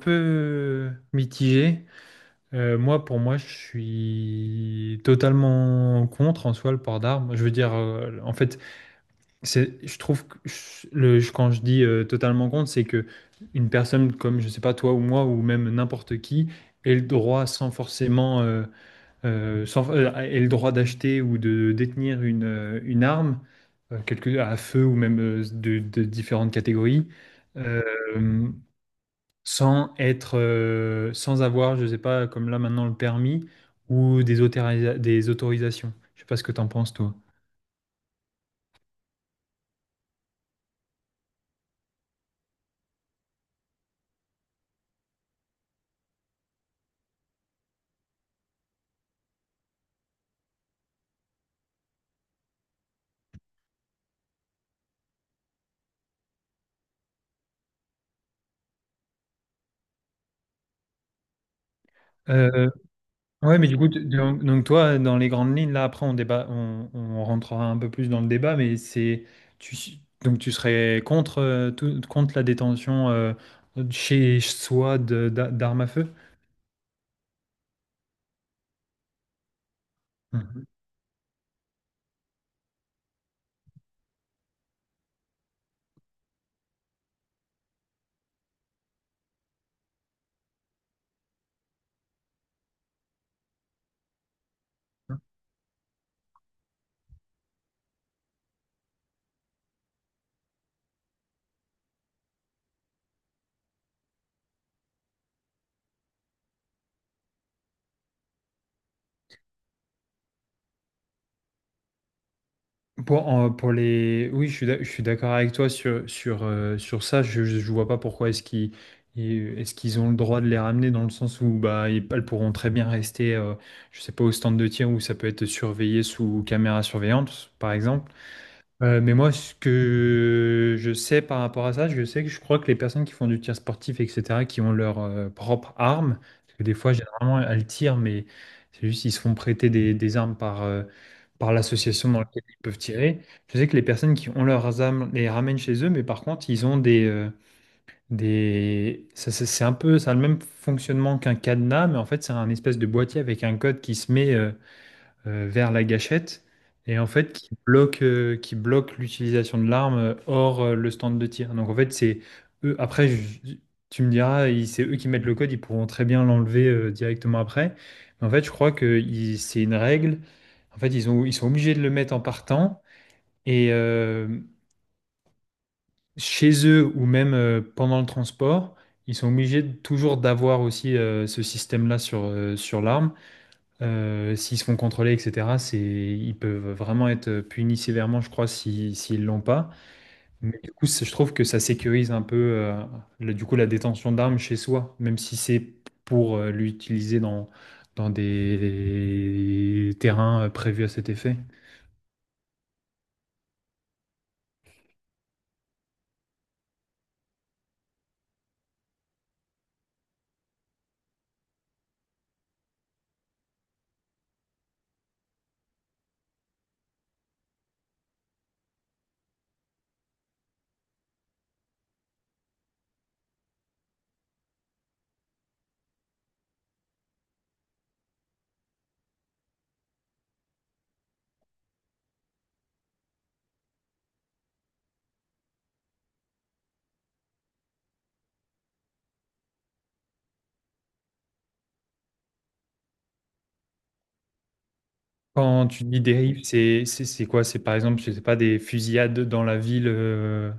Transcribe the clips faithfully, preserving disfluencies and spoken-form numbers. Peu mitigé. Euh, moi, pour moi, je suis totalement contre en soi le port d'armes. Je veux dire, euh, en fait, c'est, je trouve que je- le, je- quand je dis euh, totalement contre, c'est que une personne comme, je sais pas, toi ou moi ou même n'importe qui ait le droit sans forcément, euh, euh, sans- euh, ait le droit d'acheter ou de détenir une, euh, une arme, euh, quelque, à feu ou même euh, de, de différentes catégories. Euh, sans être, euh, sans avoir, je sais pas, comme là maintenant le permis ou des, autorisa- des autorisations. Je sais pas ce que t'en penses toi. Euh, ouais, mais du coup, t- donc, donc toi, dans les grandes lignes, là après on débat, on, on rentrera un peu plus dans le débat, mais c'est, tu, donc tu serais contre, euh, tout- contre la détention euh, chez soi de- d'a- d'armes à feu? Pour, en- pour les... Oui, je suis d'ac- je suis d'accord avec toi sur, sur, euh, sur ça. Je ne vois pas pourquoi est-ce qu'ils et- est-ce qu'ils ont le droit de les ramener dans le sens où bah, ils- elles pourront très bien rester, euh, je sais pas, au stand de tir où ça peut être surveillé sous caméra surveillante, par exemple. Euh, mais moi, ce que je sais par rapport à ça, je sais que je crois que les personnes qui font du tir sportif, et cetera, qui ont leur euh, propre arme, parce que des fois, généralement, elles tirent, mais c'est juste ils se font prêter des, des armes par, euh, par l'association dans laquelle ils peuvent tirer. Je sais que les personnes qui ont leurs armes les ramènent chez eux, mais par contre, ils ont des... euh, des... ça, ça- c'est un peu, ça a le même fonctionnement qu'un cadenas, mais en fait, c'est un espèce de boîtier avec un code qui se met... euh, euh, vers la gâchette et en fait qui bloque, euh, qui bloque l'utilisation de l'arme euh, hors euh, le stand de tir. Donc en fait, c'est eux. Après, je- tu me diras, ils- c'est eux qui mettent le code, ils pourront très bien l'enlever euh, directement après. Mais en fait, je crois que ils- c'est une règle. En fait, ils ont, ils sont obligés de le mettre en partant et euh, chez eux ou même euh, pendant le transport. Ils sont obligés de- toujours d'avoir aussi euh, ce système-là sur, euh, sur l'arme. Euh, s'ils se font contrôler, et cetera, c'est, ils peuvent vraiment être punis sévèrement, je crois, si, s'ils l'ont pas. Mais du coup, c'est- je trouve que ça sécurise un peu, euh, le- du coup, la détention d'armes chez soi, même si c'est pour, euh, l'utiliser dans, dans des terrains euh, prévus à cet effet. Quand tu dis dérive, c'est, c'est, c'est quoi? C'est par exemple, je sais pas, des fusillades dans la ville, euh,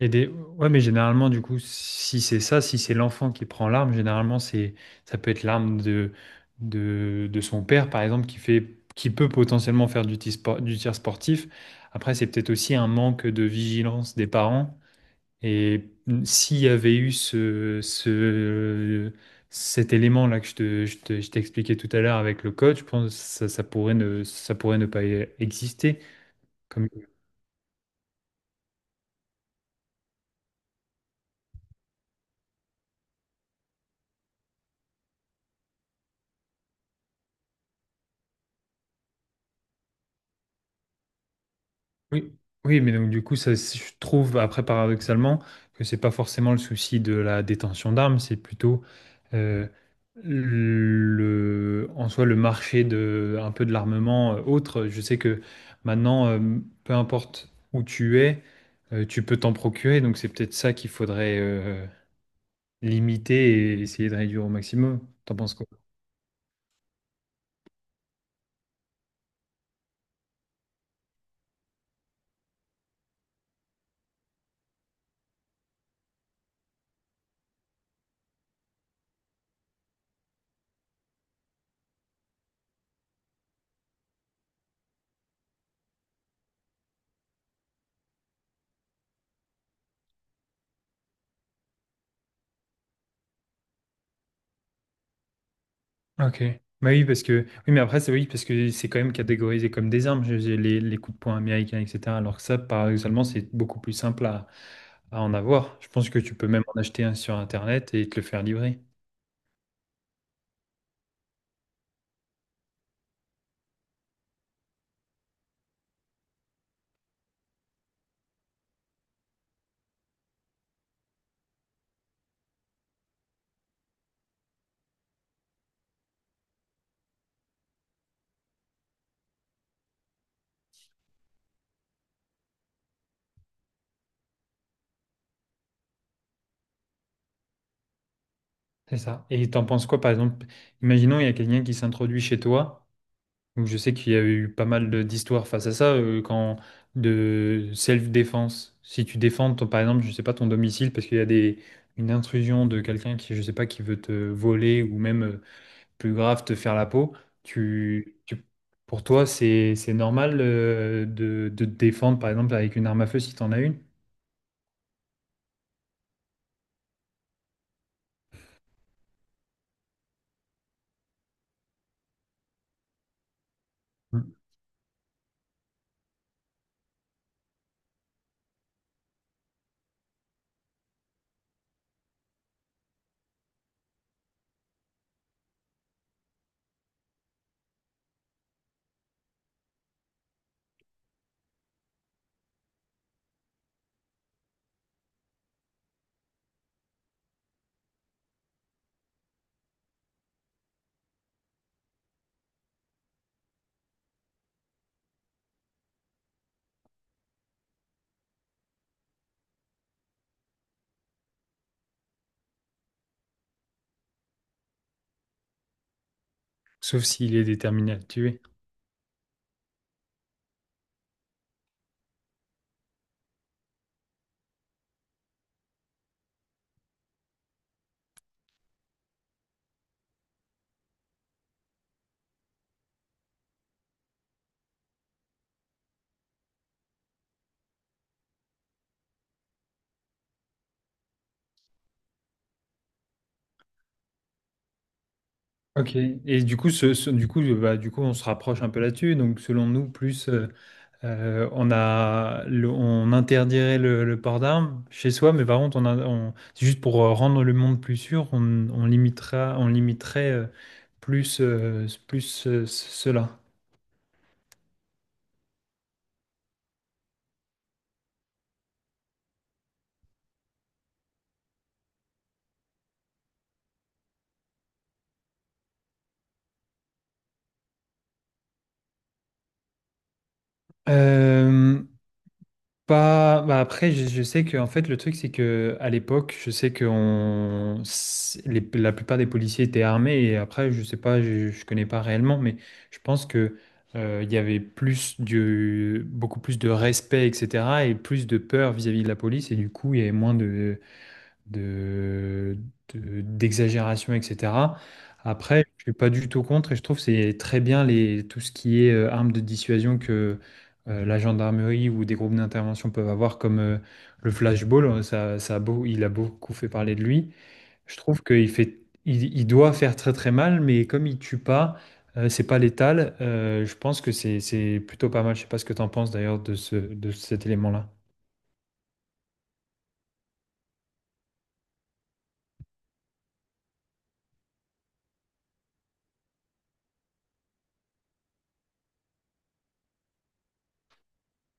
et des... Ouais, mais généralement, du coup, si c'est ça, si c'est l'enfant qui prend l'arme, généralement, c'est ça peut être l'arme de... De... de son père, par exemple, qui fait... qui peut potentiellement faire du tir spor- du tir sportif. Après, c'est peut-être aussi un manque de vigilance des parents. Et s'il y avait eu ce... ce... cet élément-là que je te... je te- je t'expliquais tout à l'heure avec le code, je pense que ça, ça pourrait ne... ça pourrait ne pas exister. Oui, oui, mais donc du coup, ça, c'est- je trouve après paradoxalement que c'est pas forcément le souci de la détention d'armes, c'est plutôt euh, le, en soi le marché de un peu de l'armement euh, autre. Je sais que maintenant, euh, peu importe où tu es, euh, tu peux t'en procurer, donc c'est peut-être ça qu'il faudrait euh, limiter et essayer de réduire au maximum. T'en penses quoi? Ok. Bah oui, parce que. Oui, mais après, c'est oui, parce que c'est quand même catégorisé comme des armes, je- j'ai les, les coups de poing américains, et cetera. Alors que ça, paradoxalement, c'est beaucoup plus simple à, à en avoir. Je pense que tu peux même en acheter un sur Internet et te le faire livrer. C'est ça. Et t'en penses quoi, par exemple? Imaginons, il y a quelqu'un qui s'introduit chez toi. Donc, je sais qu'il y a eu pas mal de- d'histoires face à ça, euh, quand de self-défense. Si tu défends, ton- par exemple, je sais pas, ton domicile, parce qu'il y a des, une intrusion de quelqu'un qui, je sais pas, qui veut te voler ou même, euh, plus grave te faire la peau. Tu, tu- pour toi, c'est, c'est normal euh, de, de te défendre, par exemple, avec une arme à feu si tu en as une, sauf s'il est déterminé à te tuer. Ok. Et du coup, ce, ce- du coup, euh, bah, du coup, on se rapproche un peu là-dessus. Donc, selon nous, plus euh, euh, on a, le- on interdirait le, le port d'armes chez soi, mais par contre, on a- on- c'est juste pour euh, rendre le monde plus sûr, on, on limitera, on limiterait euh, plus, euh, plus euh, cela. Euh, Pas... Bah après, je, je sais que en fait, le truc, c'est que à l'époque, je sais que on... c'est- les- la plupart des policiers étaient armés. Et après, je sais pas, je, je connais pas réellement, mais je pense que euh, il y avait plus de... beaucoup plus de respect, et cetera. Et plus de peur vis-à-vis de la police. Et du coup, il y avait moins de, de, de- d'exagération, et cetera. Après, je suis pas du tout contre et je trouve que c'est très bien les, tout ce qui est euh, armes de dissuasion que euh, la gendarmerie ou des groupes d'intervention peuvent avoir, comme euh, le flashball. euh, Ça, ça a beau, il a beaucoup fait parler de lui. Je trouve qu'il fait, il, il doit faire très très mal, mais comme il tue pas, euh, c'est pas létal. euh, je pense que c'est, c'est plutôt pas mal. Je sais pas ce que tu en penses d'ailleurs de ce, de cet élément-là.